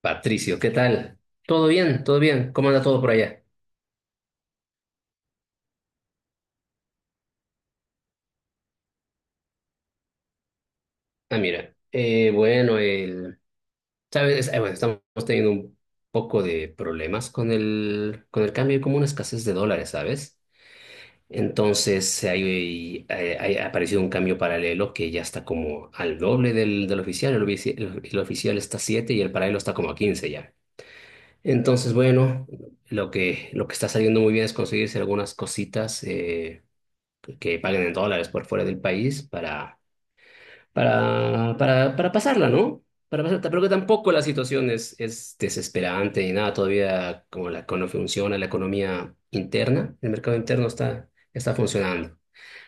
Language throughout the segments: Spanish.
Patricio, ¿qué tal? ¿Todo bien? ¿Todo bien? ¿Cómo anda todo por allá? Ah, mira, bueno, ¿sabes? Bueno, estamos teniendo un poco de problemas con el cambio, hay como una escasez de dólares, ¿sabes? Entonces, ha aparecido un cambio paralelo que ya está como al doble del oficial. El oficial está a 7 y el paralelo está como a 15 ya. Entonces, bueno, lo que está saliendo muy bien es conseguirse algunas cositas que paguen en dólares por fuera del país para pasarla, ¿no? Para pasarla, pero que tampoco la situación es desesperante ni nada, todavía como la economía funciona, la economía interna, el mercado interno está funcionando.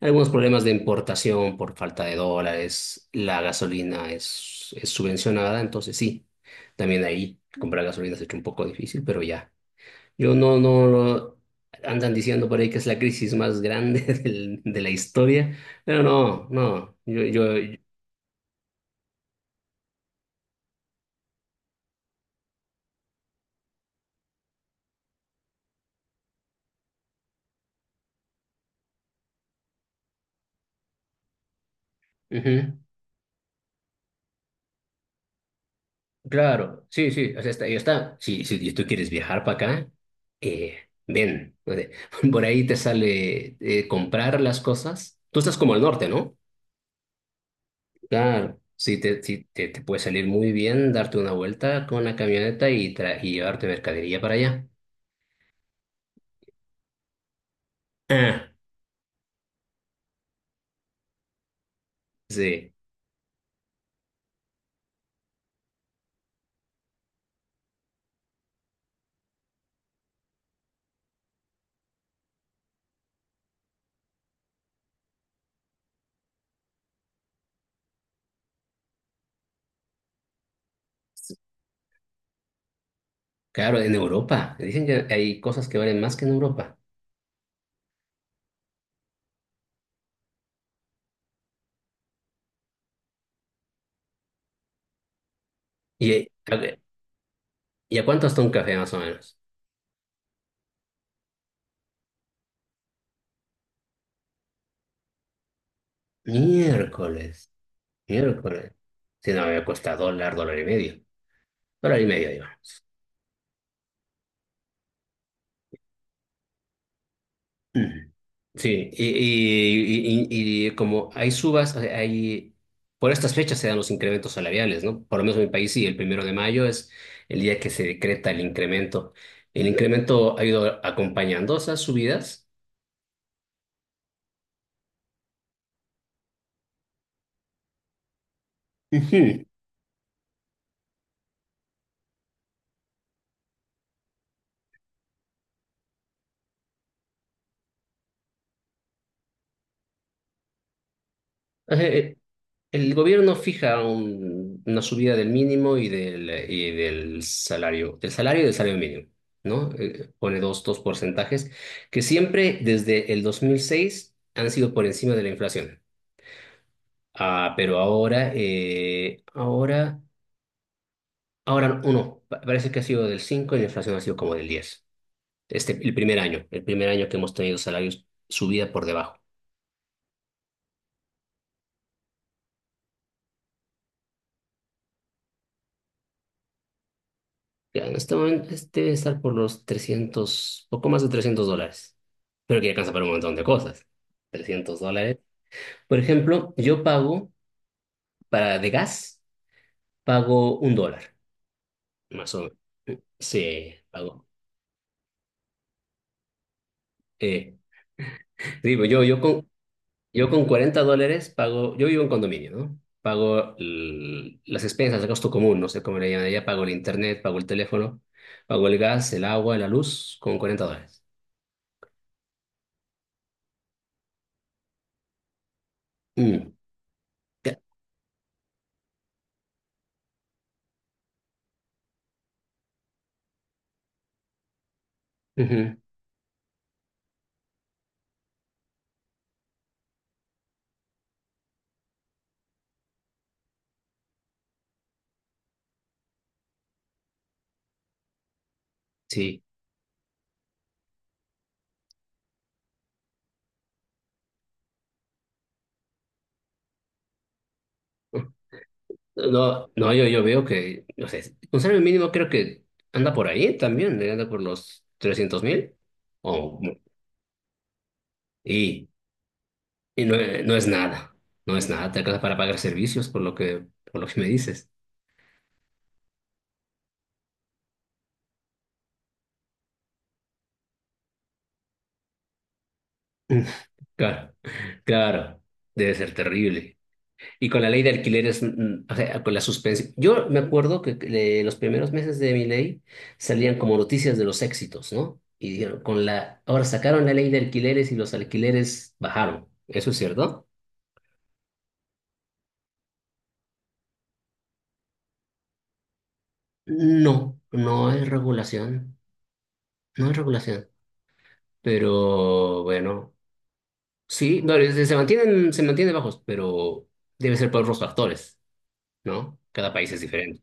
Algunos problemas de importación por falta de dólares, la gasolina es subvencionada, entonces sí, también ahí comprar gasolina se ha hecho un poco difícil, pero ya. Yo no, no, no- Andan diciendo por ahí que es la crisis más grande del- de la historia, pero no, no, ujú. Claro, sí, sí, o sea, está, y está. Si, si tú quieres viajar para acá, ven. O sea, Por ahí te sale comprar las cosas. Tú estás como al norte, ¿no? Claro, sí, te puede salir muy bien darte una vuelta con la camioneta y, y llevarte mercadería para allá. Ah, sí, claro, en Europa. Dicen que hay cosas que valen más que en Europa. ¿Y, eh, a ver, ¿Y a cuánto está un café más o menos? Miércoles, miércoles. Si no, me cuesta dólar, dólar y medio. Dólar y medio, digamos. Ujú. Sí, como hay subas, o sea, hay, por estas fechas se dan los incrementos salariales, ¿no? Por lo menos en mi país sí, el 1 de mayo es el día que se decreta el incremento. El incremento ha ido acompañando esas subidas. Ujú. Ajá, el gobierno fija una subida del mínimo y del salario y del salario mínimo, ¿no? Pone dos porcentajes que siempre desde el 2006 han sido por encima de la inflación. Ah, pero ahora, ahora uno, parece que ha sido del 5 y la inflación ha sido como del diez. Este, el primer año que hemos tenido salarios subida por debajo. Ya, en este momento este debe estar por los trescientos, poco más de 300 dólares. Pero que ya alcanza para un montón de cosas. 300 dólares. Por ejemplo, yo pago para de gas, pago un dólar, más o menos. Sí, pago. Eh, digo, yo con 40 dólares pago, yo vivo en condominio, ¿no? Pago las expensas, el gasto común, no sé cómo le llaman allá, pago el internet, pago el teléfono, pago el gas, el agua, la luz, con 40 dólares. Mm, ya. Ujú. Sí. No, no, yo veo que, no sé, un salario mínimo creo que anda por ahí también, anda por los 300.000. O, y y no, no es nada, no es nada, te alcanza para pagar servicios por por lo que me dices. Claro, claro, debe ser terrible. Y con la ley de alquileres, o sea, con la suspensión. Yo me acuerdo que los primeros meses de mi ley salían como noticias de los éxitos, ¿no? Y dijeron, ahora sacaron la ley de alquileres y los alquileres bajaron. ¿Eso es cierto? No, no es regulación, no es regulación. Pero bueno, sí, no, se mantienen bajos, pero debe ser por otros factores, ¿no? Cada país es diferente.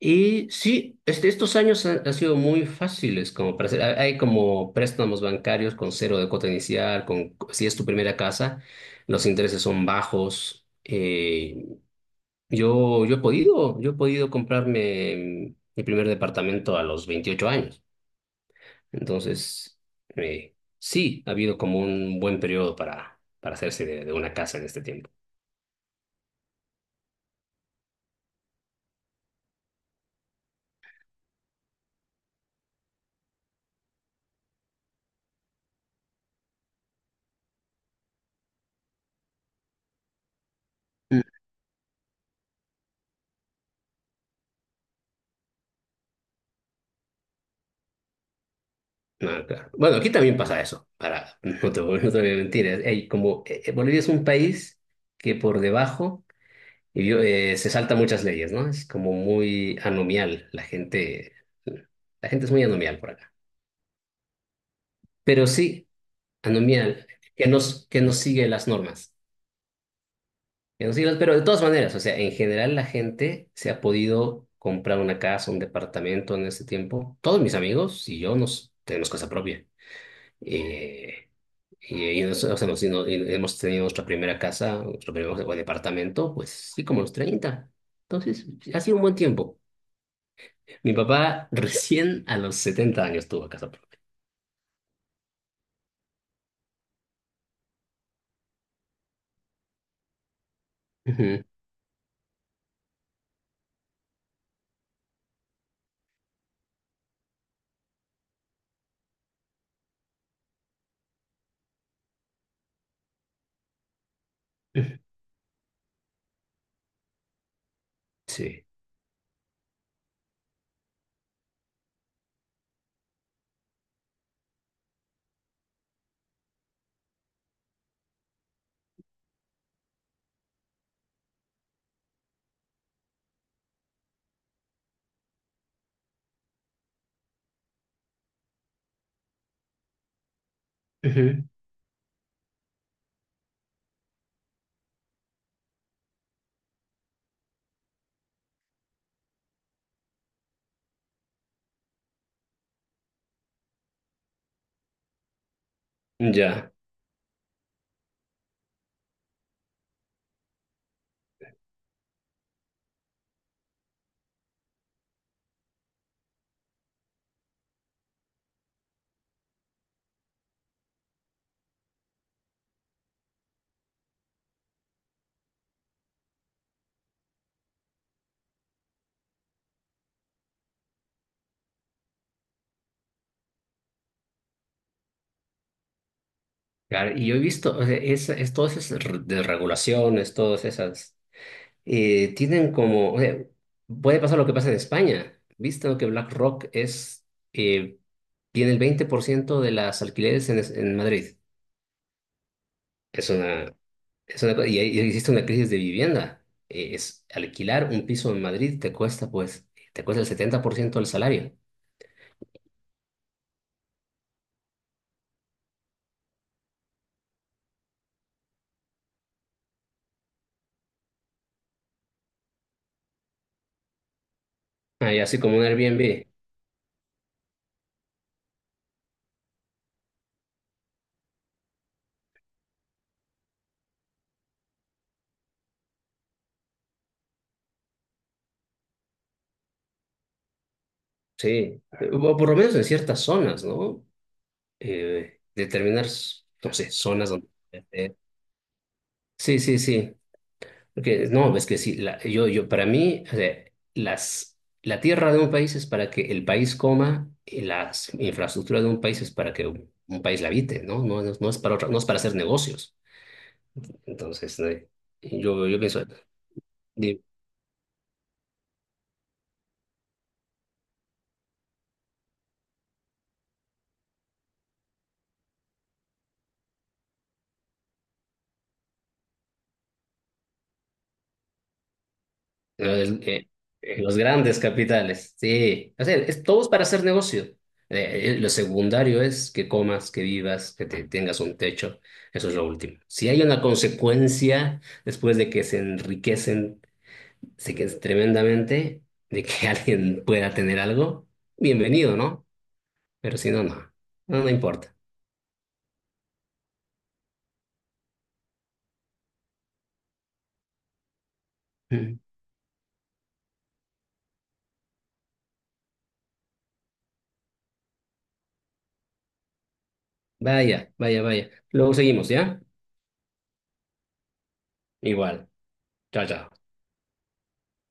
Y sí, este, estos años han, han sido muy fáciles como para hacer. Hay como préstamos bancarios con cero de cuota inicial, con, si es tu primera casa, los intereses son bajos. Yo he podido comprarme mi primer departamento a los 28 años. Entonces, sí, ha habido como un buen periodo para hacerse de una casa en este tiempo. Ah, claro. Bueno, aquí también pasa eso, para, no te, voy, no te voy a mentir. Hay como, Bolivia es un país que por debajo, y yo, se salta muchas leyes, ¿no? Es como muy anomial, la gente es muy anomial por acá. Pero sí, anomial, que nos sigue las normas. Que nos sigue las- pero de todas maneras, o sea, en general la gente se ha podido comprar una casa, un departamento en ese tiempo. Todos mis amigos y yo nos tenemos casa propia. Eh, Y, o sea, nos- y no- y hemos tenido nuestra primera casa, nuestro primer departamento, pues sí, como a los treinta. Entonces, ha sido un buen tiempo. Mi papá recién a los 70 años tuvo casa propia. Ujú. Sí. Ujú. Ya. Claro, y yo he visto, o sea, todas esas de regulaciones, todas esas, tienen como, o sea, puede pasar lo que pasa en España, visto que BlackRock es, eh, tiene el 20% de las alquileres en, en Madrid. Es una, es una cosa- y ahí existe una crisis de vivienda. Es alquilar un piso en Madrid te cuesta, pues, te cuesta el 70% del salario. Ah, y así como un Airbnb. Sí. O por lo menos en ciertas zonas, ¿no? Determinar, no sé, zonas donde... eh, sí, sí, sí. Porque, no, es que sí, la- para mí, o sea, la tierra de un país es para que el país coma y las infraestructuras de un país es para que un país la habite, ¿no? No, no, no es para otra, no es para hacer negocios. Entonces, no, yo pienso, di- el- eh, los grandes capitales, sí, o sea, es, todo es para hacer negocio. Lo secundario es que comas, que vivas, tengas un techo, eso es lo último. Si hay una consecuencia después de que se enriquecen, sí que es tremendamente, de que alguien pueda tener algo, bienvenido, ¿no? Pero si no, no, no, no importa. Mm. Vaya, vaya, vaya. Luego seguimos, ¿ya? Igual. Chao, chao.